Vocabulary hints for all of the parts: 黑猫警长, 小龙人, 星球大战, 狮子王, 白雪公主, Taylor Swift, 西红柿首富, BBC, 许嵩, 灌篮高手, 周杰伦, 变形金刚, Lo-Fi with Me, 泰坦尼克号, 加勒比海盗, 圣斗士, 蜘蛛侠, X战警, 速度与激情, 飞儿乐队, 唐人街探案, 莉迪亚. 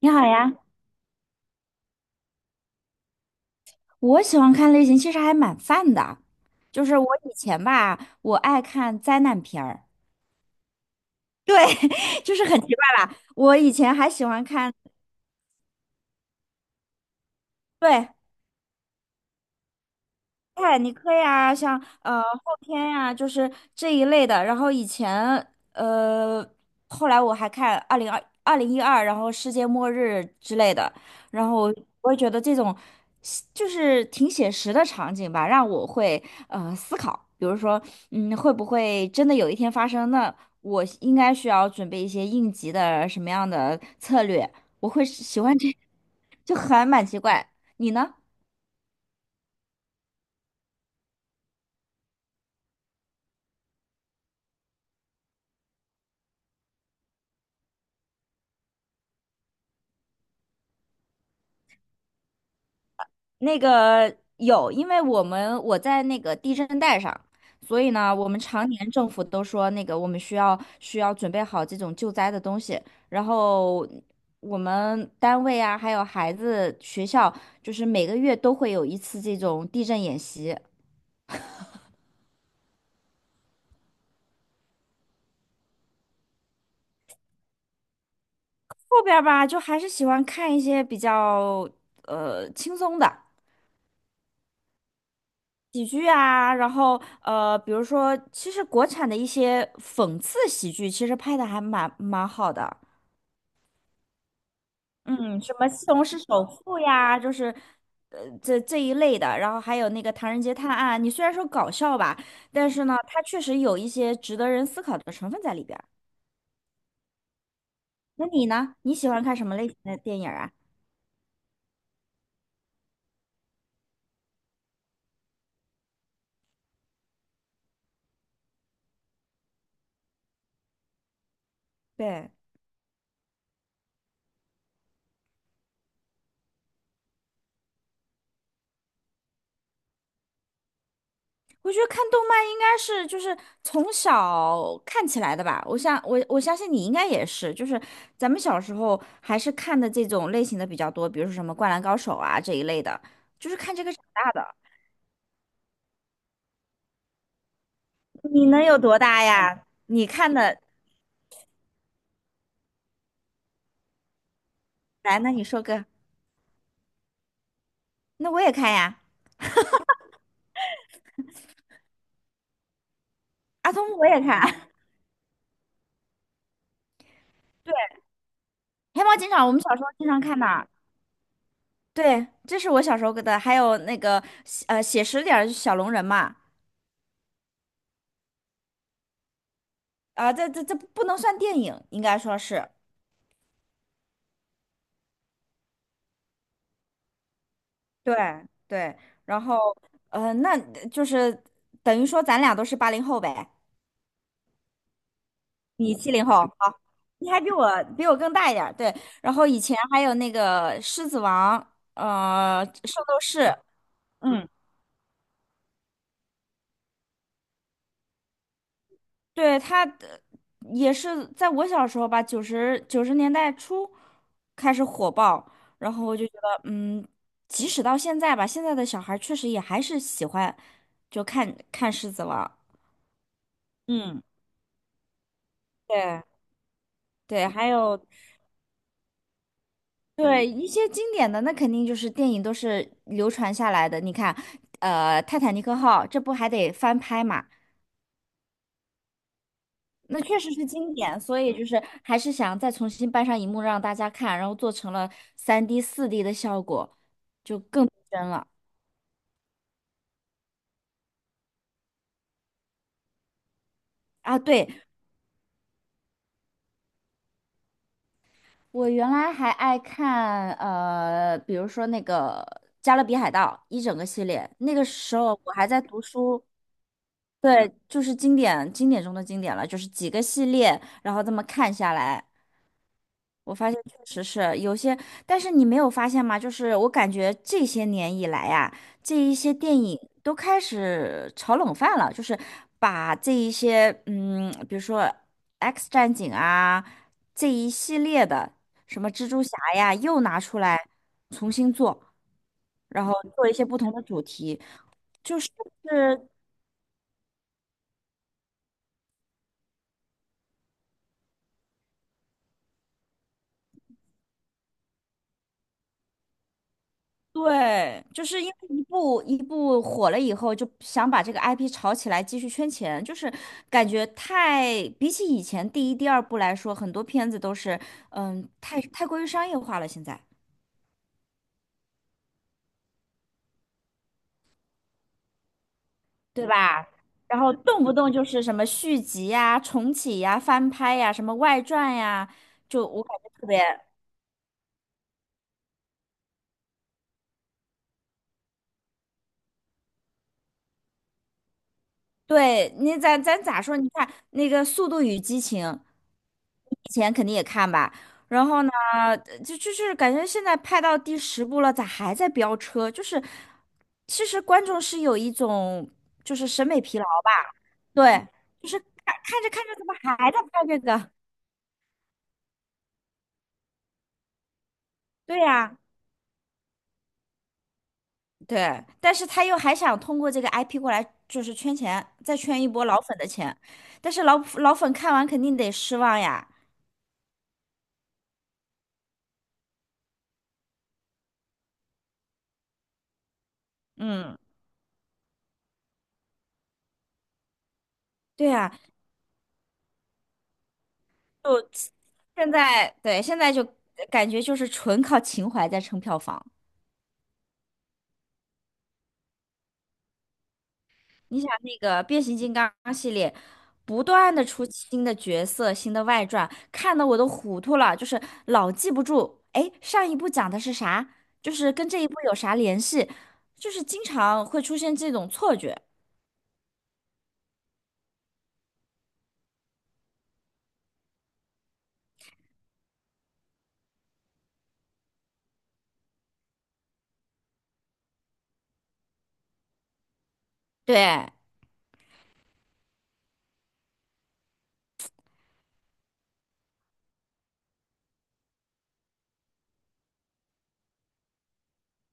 你好呀，我喜欢看类型其实还蛮泛的，就是我以前吧，我爱看灾难片儿，对，就是很奇怪吧，我以前还喜欢看，对，哎，你可以啊，像后天呀、就是这一类的。然后呃，后来我还看2012，然后世界末日之类的。然后我也觉得这种写就是挺写实的场景吧，让我会思考，比如说会不会真的有一天发生？那我应该需要准备一些应急的什么样的策略？我会喜欢这，就还蛮奇怪。你呢？那个有，因为我在那个地震带上，所以呢，我们常年政府都说那个我们需要准备好这种救灾的东西，然后我们单位啊，还有孩子学校，就是每个月都会有一次这种地震演习。后边儿吧，就还是喜欢看一些比较轻松的喜剧啊，然后比如说，其实国产的一些讽刺喜剧，其实拍的还蛮好的。嗯，什么《西红柿首富》呀，就是，这一类的，然后还有那个《唐人街探案》，你虽然说搞笑吧，但是呢，它确实有一些值得人思考的成分在里边儿。那你呢？你喜欢看什么类型的电影儿啊？对，我觉得看动漫应该是就是从小看起来的吧。我想我相信你应该也是，就是咱们小时候还是看的这种类型的比较多，比如说什么《灌篮高手》啊这一类的，就是看这个长大的。你能有多大呀？你看的来，那你说个，那我也看呀，阿童我也看，对，黑猫警长我们小时候经常看的，对，这是我小时候的，还有那个写实点儿就小龙人嘛，啊、这不能算电影，应该说是，对对，然后那就是等于说咱俩都是80后呗，你70后，好，你还比我更大一点儿，对，然后以前还有那个狮子王，圣斗士。嗯。对，他的也是在我小时候吧，90年代初开始火爆，然后我就觉得，嗯，即使到现在吧，现在的小孩儿确实也还是喜欢就看看《狮子王》。嗯，对对，还有对一些经典的，那肯定就是电影都是流传下来的。你看，《泰坦尼克号》这不还得翻拍嘛？那确实是经典，所以就是还是想再重新搬上荧幕让大家看，然后做成了3D 4D 的效果，真了啊！对，我原来还爱看，比如说那个《加勒比海盗》一整个系列，那个时候我还在读书，对，就是经典中的经典了，就是几个系列，然后这么看下来。我发现确实是有些，但是你没有发现吗？就是我感觉这些年以来呀、这一些电影都开始炒冷饭了，就是把这一些，嗯，比如说《X 战警》啊，这一系列的什么蜘蛛侠呀，又拿出来重新做，然后做一些不同的主题，就是对，就是因为一部一部火了以后，就想把这个 IP 炒起来，继续圈钱，就是感觉比起以前第一、第二部来说，很多片子都是太过于商业化了，现在对吧？然后动不动就是什么续集呀、重启呀、翻拍呀、什么外传呀，就我感觉特别。对，你咱咋说？你看那个《速度与激情》，以前肯定也看吧。然后呢，就是感觉现在拍到第十部了，咋还在飙车？就是其实观众是有一种就是审美疲劳吧？对，就是看着看着怎么还在拍这个？对呀，对。但是他又还想通过这个 IP 过来就是圈钱，再圈一波老粉的钱。但是老粉看完肯定得失望呀。嗯，对呀，就现在，对，现在就感觉就是纯靠情怀在撑票房。你想那个变形金刚系列，不断的出新的角色、新的外传，看得我都糊涂了，就是老记不住，哎，上一部讲的是啥，就是跟这一部有啥联系，就是经常会出现这种错觉。对，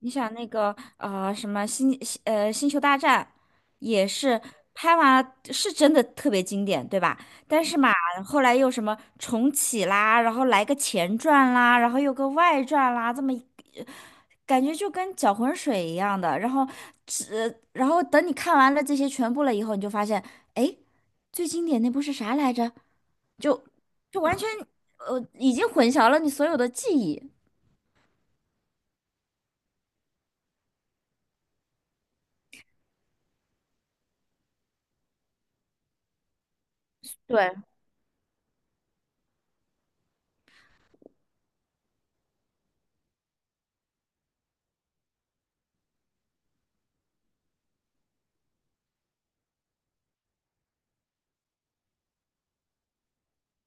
你想那个什么星球大战，也是拍完是真的特别经典，对吧？但是嘛，后来又什么重启啦，然后来个前传啦，然后又个外传啦，这么一呃感觉就跟搅浑水一样的。然后然后等你看完了这些全部了以后，你就发现，哎，最经典那部是啥来着？就就完全已经混淆了你所有的记忆。对。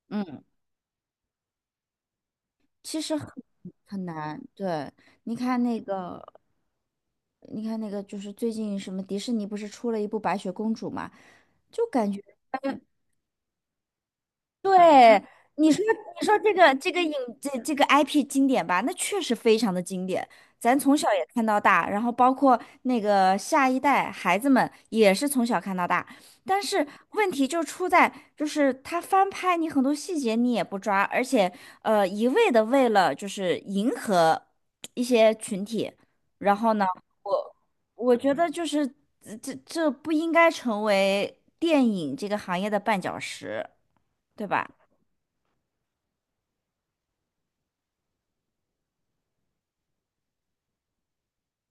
嗯。其实很难，对，你看那个，你看那个，就是最近什么迪士尼不是出了一部《白雪公主》嘛，就感觉。对，你说你说这个这个影这这个 IP 经典吧，那确实非常的经典，咱从小也看到大，然后包括那个下一代孩子们也是从小看到大，但是问题就出在就是他翻拍你很多细节你也不抓，而且一味的为了就是迎合一些群体，然后呢，我我觉得就是这不应该成为电影这个行业的绊脚石，对吧？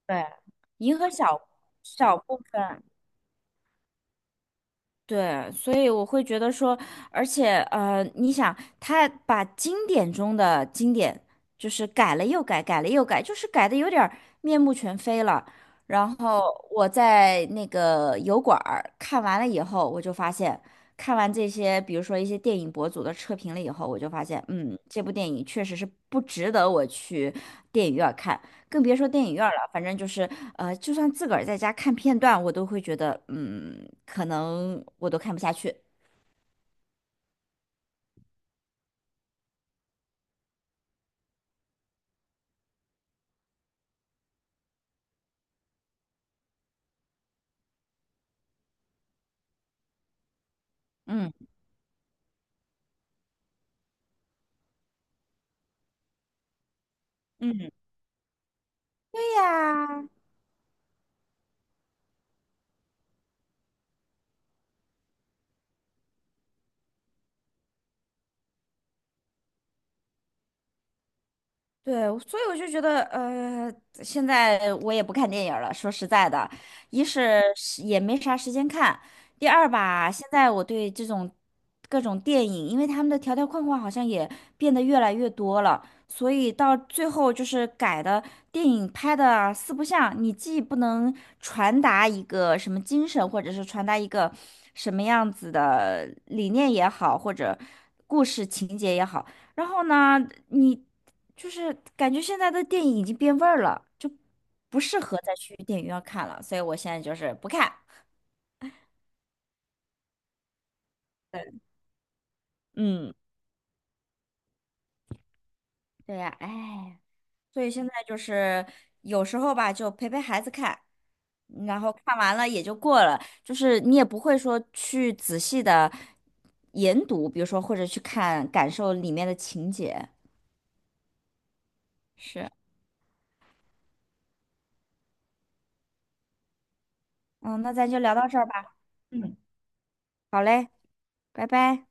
对，银河小部分，对，所以我会觉得说，而且，你想，他把经典中的经典，就是改了又改，改了又改，就是改的有点儿面目全非了。然后我在那个油管儿看完了以后，我就发现，看完这些，比如说一些电影博主的测评了以后，我就发现，嗯，这部电影确实是不值得我去电影院看。更别说电影院了，反正就是就算自个儿在家看片段，我都会觉得，嗯，可能我都看不下去。嗯嗯，对呀。对，所以我就觉得，现在我也不看电影儿了。说实在的，一是也没啥时间看，第二吧，现在我对这种各种电影，因为他们的条条框框好像也变得越来越多了，所以到最后就是改的电影拍的四不像，你既不能传达一个什么精神，或者是传达一个什么样子的理念也好，或者故事情节也好。然后呢，你就是感觉现在的电影已经变味儿了，就不适合再去电影院看了，所以我现在就是不看。嗯，对呀，哎，所以现在就是有时候吧，就陪陪孩子看，然后看完了也就过了，就是你也不会说去仔细的研读，比如说或者去看感受里面的情节。是，嗯，那咱就聊到这儿吧。嗯，好嘞，拜拜。